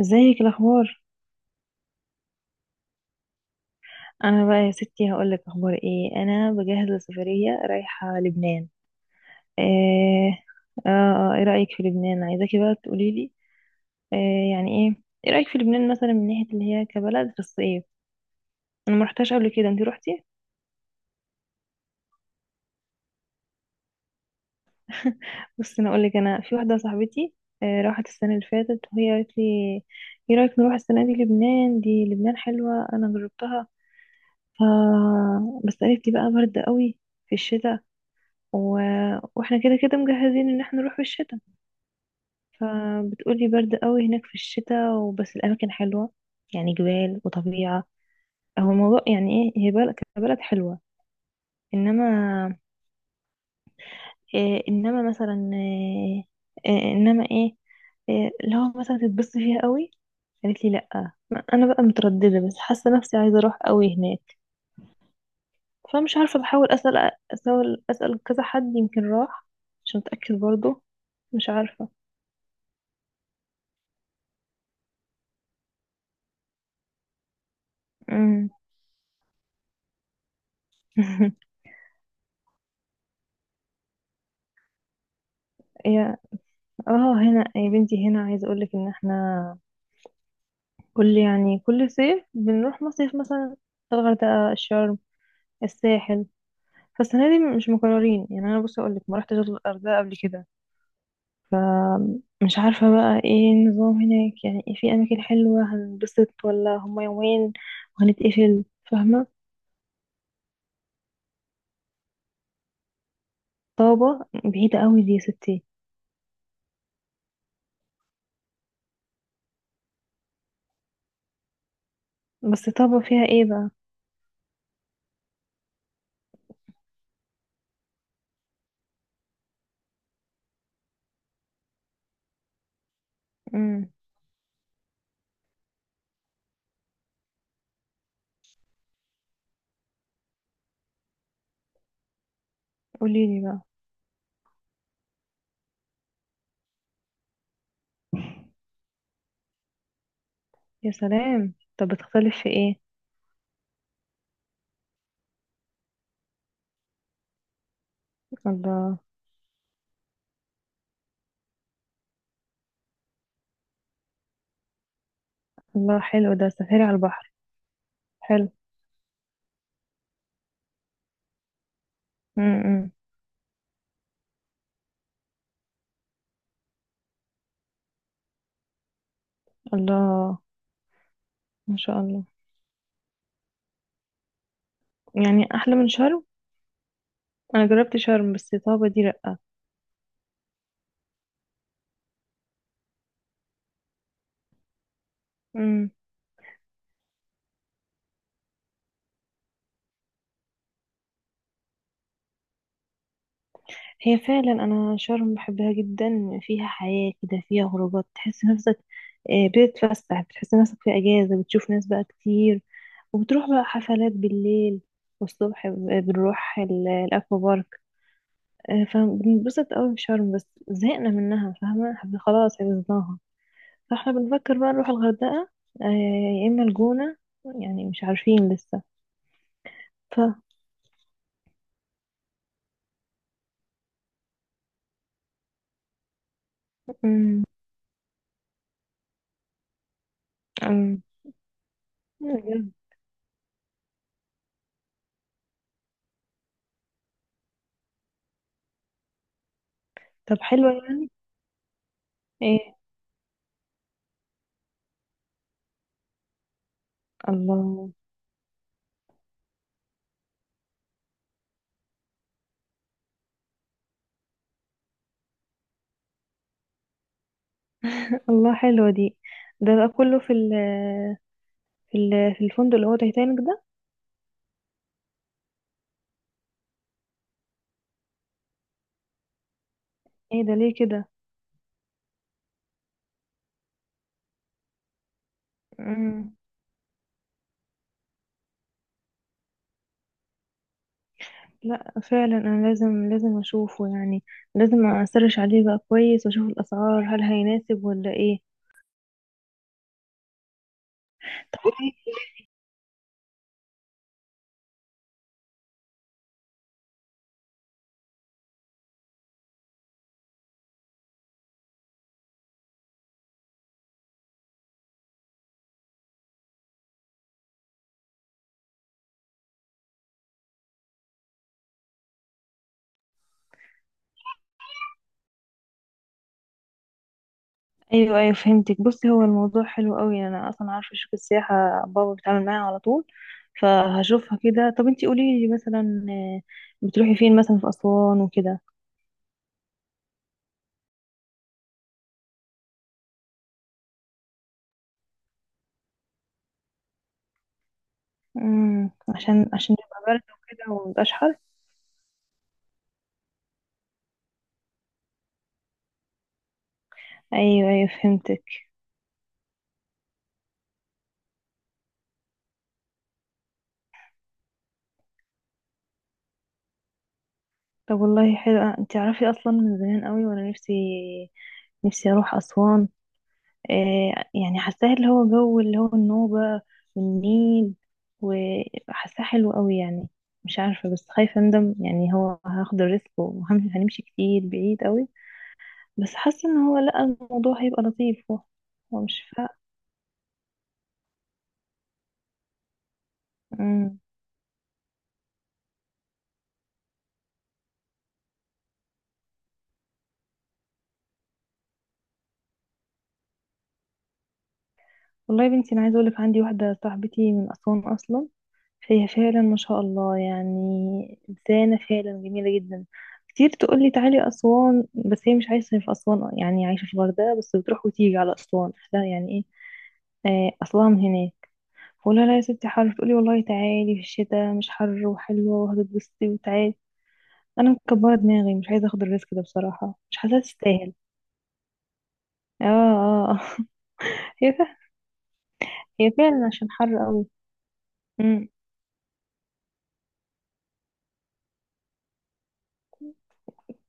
ازيك الاخبار؟ انا بقى يا ستي هقول لك اخبار ايه. انا بجهز لسفريه رايحه لبنان. ايه؟ ايه رايك في لبنان؟ عايزاكي بقى تقولي لي. إيه يعني ايه؟ ايه رايك في لبنان مثلا من ناحيه اللي هي كبلد في الصيف؟ انا ما رحتهاش قبل كده، انت روحتي؟ بصي انا اقول لك، انا في واحده صاحبتي آه، راحت السنه اللي فاتت وهي قالت لي ايه رايك نروح السنه دي لبنان، دي لبنان حلوه انا جربتها. ف بس قالت لي بقى برد قوي في الشتاء و... واحنا كده كده مجهزين ان احنا نروح في الشتاء. فبتقولي برد قوي هناك في الشتاء، وبس الاماكن حلوه يعني جبال وطبيعه. هو الموضوع يعني ايه، هي بلد كبلد حلوه انما، إيه انما مثلا إيه؟ إيه انما ايه؟ إيه لو مثلا تتبسطي فيها قوي؟ قالت لي لا، انا بقى متردده بس حاسه نفسي عايزه اروح قوي هناك. فمش عارفه، بحاول اسال. اسال كذا حد يمكن راح عشان اتاكد برضو. مش عارفه. امم. يا اه هنا يا بنتي، هنا عايزه اقول لك ان احنا كل يعني كل صيف بنروح مصيف مثلا الغردقه، الشرم، الساحل. فالسنه دي مش مكررين، يعني انا بصي اقول لك ما رحتش الغردقه قبل كده. فمش عارفه بقى ايه النظام هناك، يعني إيه، في اماكن حلوه هنبسط، ولا هما يومين وهنتقفل؟ فاهمه؟ طابه بعيده قوي دي يا ستي. بس طابه فيها ايه بقى؟ امم. قولي لي بقى. يا سلام، طب بتختلف في ايه؟ الله. الله، حلو ده، سفاري على البحر. حلو. امم. الله. ما شاء الله. يعني احلى من شرم؟ انا جربت شرم بس طابة دي لأ. امم. هي فعلا، انا شرم بحبها جدا، فيها حياة كده، فيها خروجات تحس نفسك آه، بتتفسح، بتحس نفسك في اجازة، بتشوف ناس بقى كتير، وبتروح بقى حفلات بالليل. والصبح بنروح الاكوا بارك. آه، فبنبسط قوي في شرم بس زهقنا منها، فاهمة، خلاص عرفناها. فاحنا بنفكر بقى نروح الغردقة آه، يا إما الجونة. يعني مش عارفين لسه. ف امم. أم. بجد. طب حلوة يعني؟ ايه. الله. الله، حلوة دي. ده بقى كله في ال في ال في الفندق اللي هو تايتانيك ده؟ ايه ده؟ ليه كده؟ امم. لا فعلا انا لازم لازم اشوفه يعني، لازم اسرش عليه بقى كويس واشوف الاسعار، هل هيناسب ولا ايه. طب. ايوه ايوه فهمتك. بصي هو الموضوع حلو قوي. انا اصلا عارفه شركه السياحه، بابا بيتعامل معايا على طول، فهشوفها كده. طب انتي قولي لي مثلا آه، بتروحي فين مثلا، في اسوان وكده؟ امم. عشان عشان يبقى برد وكده ومبقاش حر. ايوه ايوه فهمتك. طب والله حلو. انتي عارفه اصلا من زمان قوي وانا نفسي نفسي اروح اسوان آه، يعني حاساه اللي هو جو اللي هو النوبة والنيل، وحاساه حلو قوي يعني. مش عارفة، بس خايفة اندم يعني، هو هاخد الريسك وهنمشي كتير بعيد قوي. بس حاسة ان هو لا، الموضوع هيبقى لطيف. هو هو مش فا مم. والله يا بنتي، انا عايزة اقولك عندي واحدة صاحبتي من اسوان اصلا. هي فعلا ما شاء الله، يعني إنسانة فعلا جميلة جدا. كتير تقولي تعالي أسوان، بس هي مش عايشة في أسوان يعني، عايشة في الغردقة بس بتروح وتيجي على أسوان، لا يعني إيه آه، أصلها من هناك. فقولها لا يا ستي حر، تقولي والله تعالي في الشتاء مش حر وحلوة وهتتبسطي وتعالي. أنا مكبرة دماغي، مش عايزة أخد الريسك ده بصراحة، مش حاسة تستاهل. اه، اه، آه. هي فعلا. هي فعلا عشان حر قوي. امم.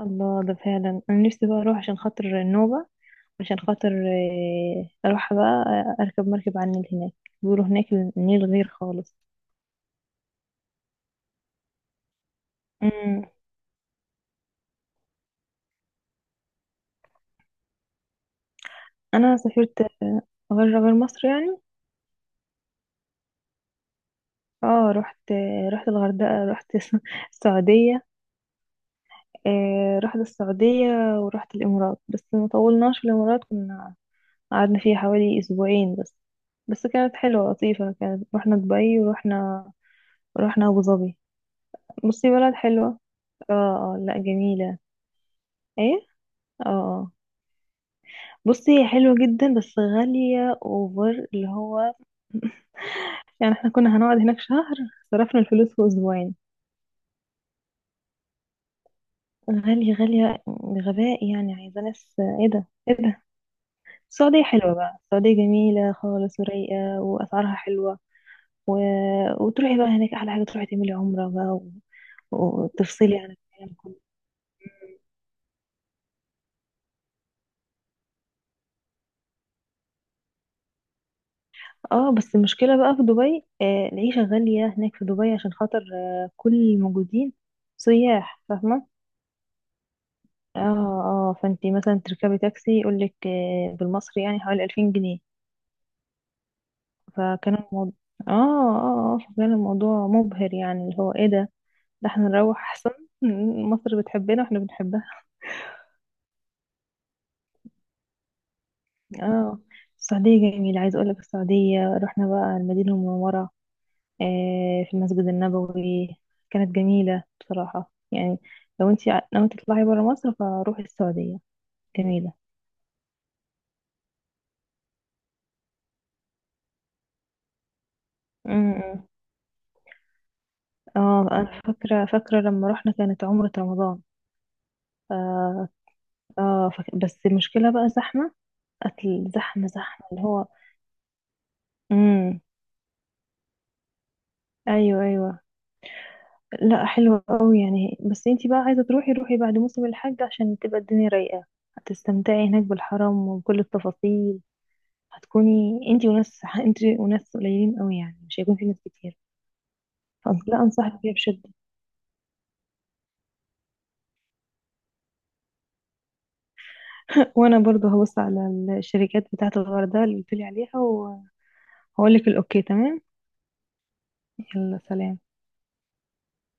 الله، ده فعلا، أنا نفسي بقى أروح عشان خاطر النوبة، عشان خاطر آه، اروح بقى آه، اركب مركب على النيل هناك. بيقولوا هناك النيل غير خالص. أمم. انا سافرت آه، غير مصر يعني. اه، رحت آه، رحت الغردقة، رحت السعودية آه، رحت السعودية. ورحت الامارات، بس ما طولناش في الامارات، كنا قعدنا فيها حوالي اسبوعين بس. بس كانت حلوة لطيفة. كانت رحنا دبي، ورحنا ابو ظبي. بصي بلد حلوة. اه اه لا جميلة. ايه. اه، آه. بصي هي حلوة جدا بس غالية اوفر اللي هو، يعني احنا كنا هنقعد هناك شهر، صرفنا الفلوس في اسبوعين. غالية غالية بغباء، يعني عايزة ناس، ايه ده ايه ده. السعودية حلوة بقى، السعودية جميلة خالص ورايقة واسعارها حلوة، و... وتروحي بقى هناك احلى حاجة، تروحي تعملي عمرة بقى وتفصلي عن الكلام كله. اه بس المشكلة بقى في دبي آه، العيشة غالية هناك في دبي عشان خاطر آه كل الموجودين سياح، فاهمة. اه اه، فانتي مثلا تركبي تاكسي يقولك آه، بالمصري يعني حوالي 2000 جنيه. فكان الموضوع اه فكان الموضوع مبهر يعني، اللي هو ايه ده، ده احنا نروح احسن. مصر بتحبنا واحنا بنحبها. اه، السعودية جميلة، عايزة اقولك السعودية رحنا بقى المدينة المنورة آه في المسجد النبوي. كانت جميلة بصراحة يعني، لو انتي ناوية تطلعي برا مصر فروحي السعودية، جميلة. م- م. اه انا فاكرة فاكرة لما رحنا كانت عمرة رمضان. اه, آه، بس المشكلة بقى زحمة، قتل زحمة زحمة اللي هو. امم. ايوه ايوه. لا حلوة قوي يعني، بس انتي بقى عايزة تروحي روحي بعد موسم الحج عشان تبقى الدنيا رايقة. هتستمتعي هناك بالحرم وبكل التفاصيل. هتكوني انتي وناس، انتي وناس قليلين قوي يعني، مش هيكون في ناس كتير. لا انصحك بيها بشدة. وانا برضو هبص على الشركات بتاعة الغردقة اللي قلتلي عليها، وهقولك الاوكي. تمام. يلا سلام.